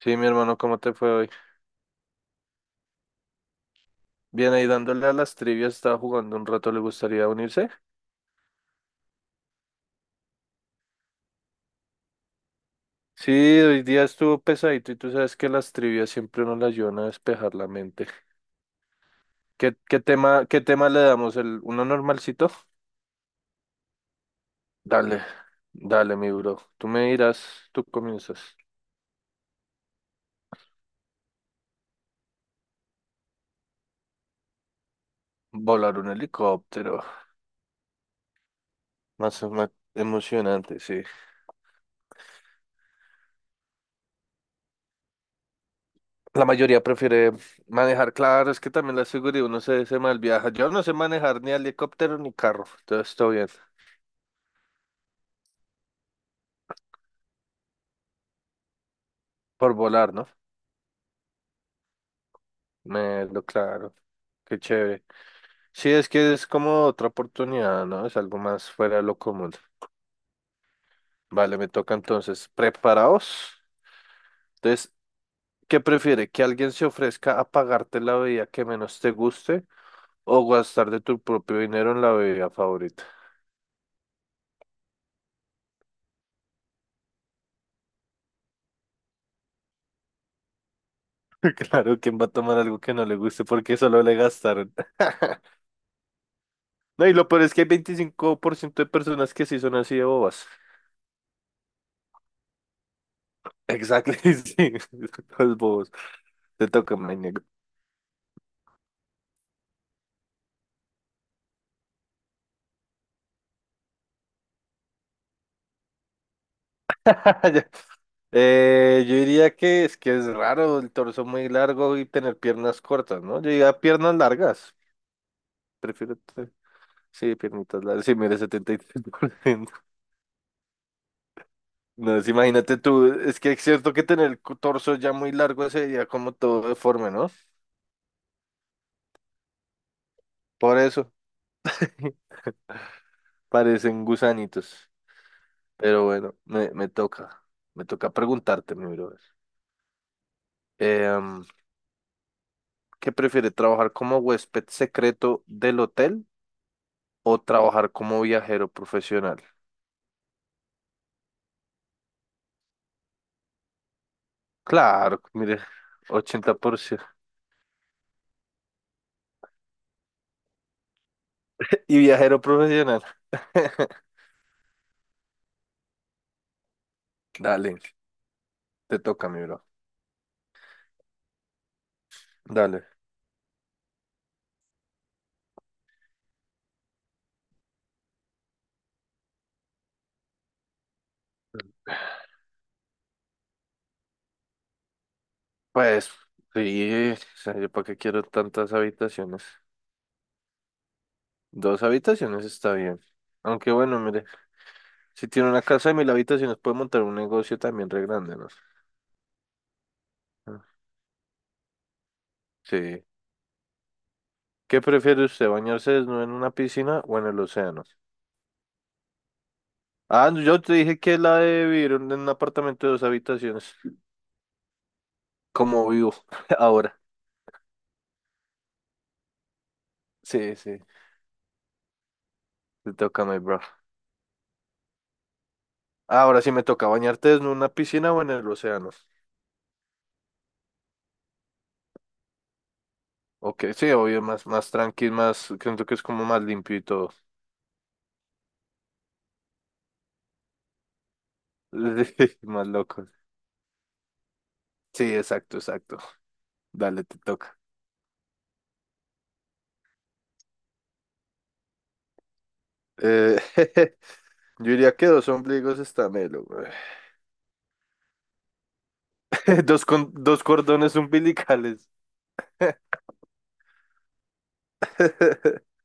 Sí, mi hermano, ¿cómo te fue hoy? Bien, ahí dándole a las trivias, estaba jugando un rato, ¿le gustaría unirse? Sí, hoy día estuvo pesadito y tú sabes que las trivias siempre nos las ayudan a despejar la mente. ¿Qué tema le damos? ¿El, uno normalcito? Dale, dale, mi bro. Tú me dirás, tú comienzas. Volar un helicóptero, más emocionante, sí. La mayoría prefiere manejar, claro, es que también la seguridad uno se mal viaja. Yo no sé manejar ni helicóptero ni carro, entonces todo bien. Por volar, ¿no? Melo, claro, qué chévere. Sí, es que es como otra oportunidad, ¿no? Es algo más fuera de lo común. Vale, me toca entonces. ¿Preparados? Entonces, ¿qué prefiere? ¿Que alguien se ofrezca a pagarte la bebida que menos te guste o gastar de tu propio dinero en la bebida favorita? Claro, ¿quién va a tomar algo que no le guste porque solo le gastaron? No, y lo peor es que hay 25% de personas que sí son así de bobas. Exacto, sí, los bobos. Te toca, me niego. Yo diría que es raro el torso muy largo y tener piernas cortas, ¿no? Yo diría piernas largas. Prefiero. te- Sí, piernitas largas. Sí, mire, 73%. No, es- Imagínate tú. Es que es cierto que tener el torso ya muy largo sería como todo deforme, ¿no? Por eso parecen gusanitos. Pero bueno, me toca. Me toca preguntarte, mi brother. Em, ¿Qué prefiere, trabajar como huésped secreto del hotel o trabajar como viajero profesional? Claro, mire, 80%. Y viajero profesional. Dale, te toca, mi bro. Dale. Pues, sí, o sea, yo para qué quiero tantas habitaciones. Dos habitaciones está bien. Aunque bueno, mire, si tiene una casa de 1.000 habitaciones, puede montar un negocio también re grande, ¿no? Ah, sí. ¿Qué prefiere usted, bañarse desnudo en una piscina o en el océano? Ah, no, yo te dije que la de vivir en un apartamento de dos habitaciones. Como vivo ahora. Sí, sí, te toca, mi bro. Ahora sí me toca bañarte en una piscina o en el océano. Ok, sí, obvio, más, más tranqui, más, creo que es como más limpio y todo. Más loco. Sí, exacto, exacto. Dale, te toca. Eh, yo diría que dos ombligos está melo, güey. Dos, con, dos cordones umbilicales.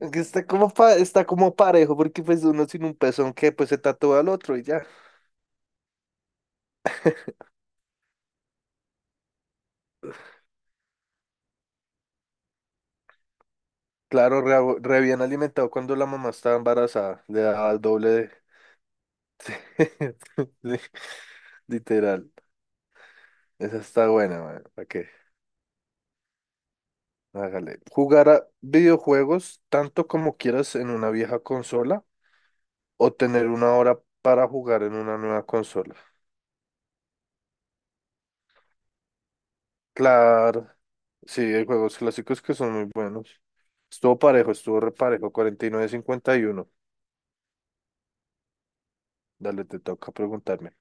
Aunque está como, está como parejo, porque pues uno sin un pezón que pues se tatúa al otro y ya. Claro, re, re bien alimentado cuando la mamá estaba embarazada, le daba el doble de... Sí, literal. Esa está buena, man. ¿Para qué? Hágale. ¿Jugar a videojuegos tanto como quieras en una vieja consola o tener una hora para jugar en una nueva consola? Claro. Sí, hay juegos clásicos que son muy buenos. Estuvo parejo, estuvo reparejo, cuarenta y nueve cincuenta y uno. Dale, te toca preguntarme.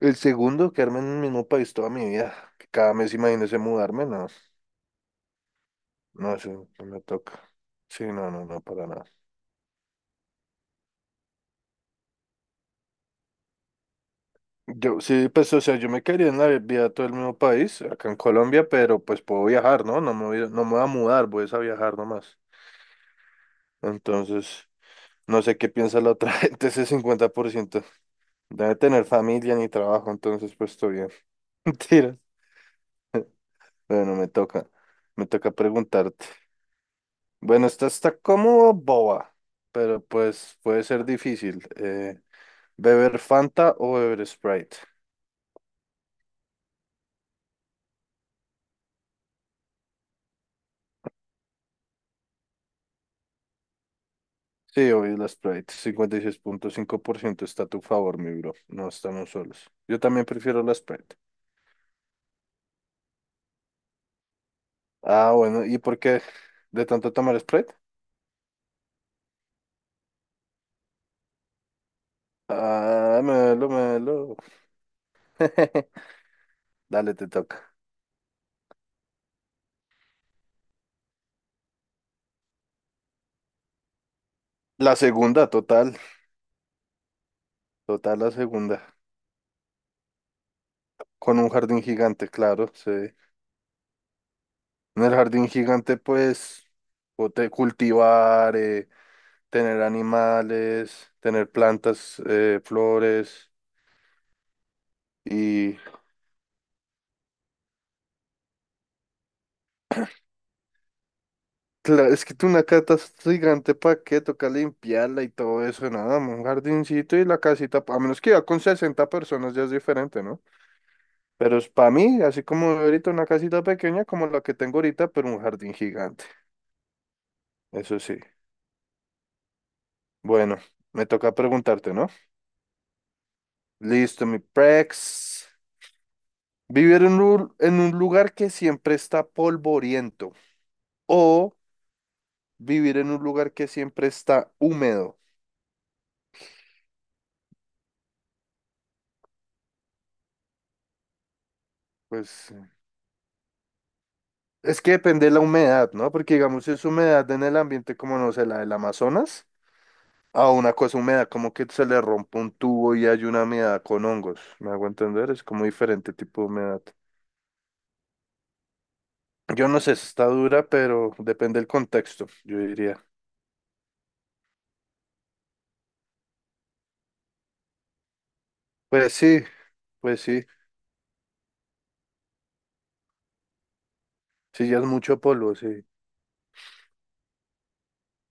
El segundo, quedarme en el mismo país toda mi vida. Que cada mes imagínese mudarme, no. No, eso no me toca. Sí, no, no, no, para nada. Yo sí, pues, o sea, yo me quería en la vida todo el mismo país, acá en Colombia, pero pues puedo viajar, ¿no? No me voy, no me voy a mudar, voy es a viajar nomás. Entonces, no sé qué piensa la otra gente, ese 50%. Debe tener familia ni trabajo, entonces pues estoy bien. Mentira. Bueno, me toca preguntarte. Bueno, esta está como boba, pero pues puede ser difícil. ¿Beber Fanta o beber Sprite? Sí, obvio, la Sprite. 56,5% está a tu favor, mi bro. No estamos solos. Yo también prefiero la Sprite. Ah, bueno, ¿y por qué de tanto tomar Sprite? Ah, melo, melo. Dale, te toca. La segunda, total. Total, la segunda. Con un jardín gigante, claro, sí. En el jardín gigante, pues, cultivar, tener animales, tener plantas, flores y claro, es que tú una cata es gigante, ¿para qué? Toca limpiarla y todo eso, nada, un jardincito y la casita, a menos que iba con 60 personas ya es diferente, ¿no? Pero es para mí, así como ahorita una casita pequeña como la que tengo ahorita, pero un jardín gigante, eso sí. Bueno, me toca preguntarte, ¿no? Listo, mi Prex. Vivir en un lugar que siempre está polvoriento o vivir en un lugar que siempre está húmedo. Pues es que depende de la humedad, ¿no? Porque digamos, si es humedad en el ambiente como, no sé, la del Amazonas, a una cosa húmeda como que se le rompe un tubo y hay una humedad con hongos, ¿me hago entender? Es como diferente tipo de humedad. Yo no sé si está dura, pero depende del contexto, yo diría. Pues sí, pues sí, sí, ya es mucho polvo, sí.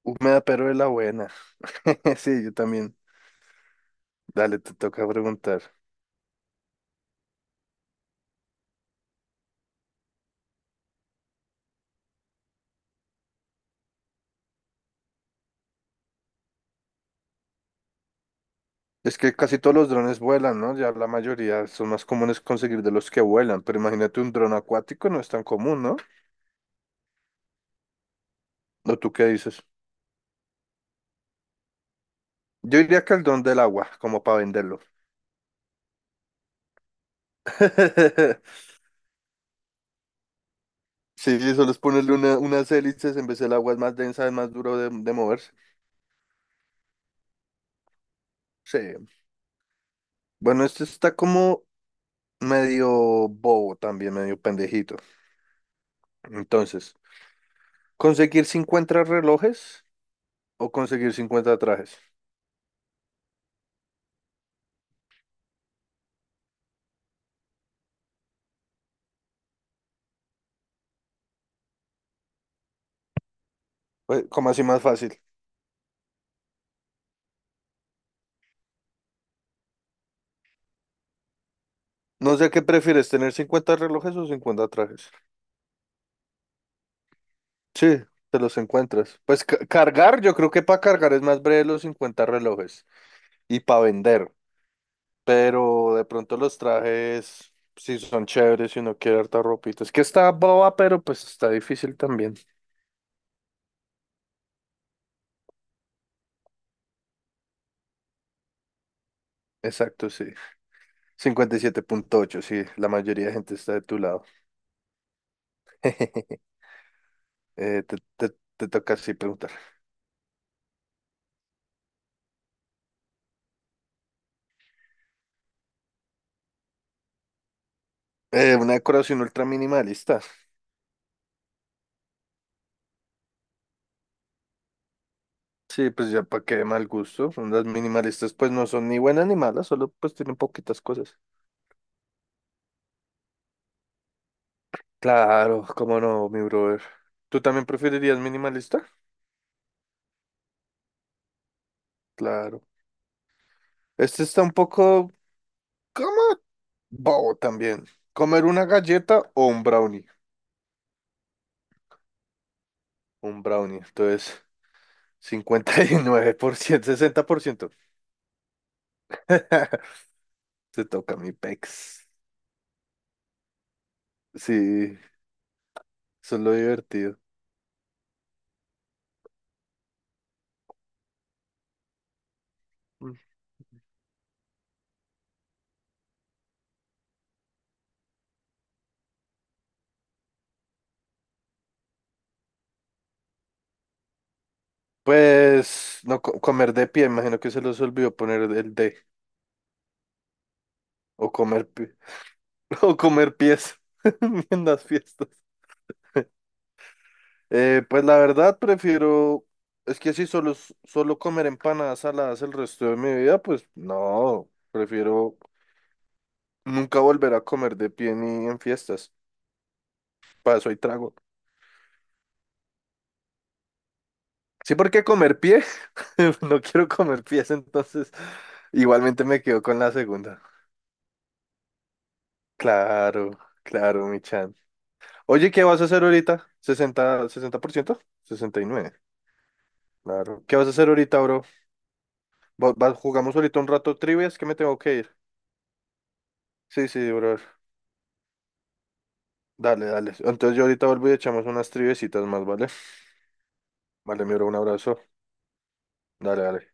Húmeda, pero de la buena. Sí, yo también. Dale, te toca preguntar. Es que casi todos los drones vuelan, ¿no? Ya la mayoría son más comunes conseguir de los que vuelan, pero imagínate un dron acuático no es tan común, ¿no? ¿O tú qué dices? Yo diría que el dron del agua, como para venderlo. Sí, sí, solo es ponerle unas hélices, en vez el agua es más densa, es más duro de moverse. Sí. Bueno, este está como medio bobo también, medio pendejito. Entonces, ¿conseguir 50 relojes o conseguir 50 trajes? Pues, como así más fácil? No sé qué prefieres, tener 50 relojes o 50 trajes. Sí, te los encuentras. Pues cargar, yo creo que para cargar es más breve los 50 relojes y para vender. Pero de pronto los trajes, si son chéveres si uno quiere harta ropita. Es que está boba, pero pues está difícil también. Exacto, sí. 57,8 sí, la mayoría de gente está de tu lado. Te toca así preguntar. Una decoración ultra minimalista. Sí, pues ya para qué mal gusto. Son las minimalistas pues no son ni buenas ni malas, solo pues tienen poquitas cosas. Claro, cómo no, mi brother. ¿Tú también preferirías minimalista? Claro. Este está un poco como bobo también. ¿Comer una galleta o un brownie? Un brownie. Entonces, 59%, 60%. Se toca mi pex. Sí, eso es lo divertido. Mm. Pues no co- comer de pie, imagino que se los olvidó poner el de. O comer pi- O comer pies en las fiestas. Pues la verdad prefiero, es que si solo comer empanadas saladas el resto de mi vida, pues no, prefiero nunca volver a comer de pie ni en fiestas. Para eso hay trago. Sí, porque comer pie, no quiero comer pies, entonces igualmente me quedo con la segunda. Claro, claro, mi chan. Oye, ¿qué vas a hacer ahorita? ¿60, 60%? 69, claro. ¿Qué vas a hacer ahorita, bro? Jugamos ahorita un rato trivias que me tengo que ir. Sí, sí, brother. Dale, dale. Entonces yo ahorita vuelvo y echamos unas triviecitas más, ¿vale? Vale, mi bro, un abrazo. Dale, dale.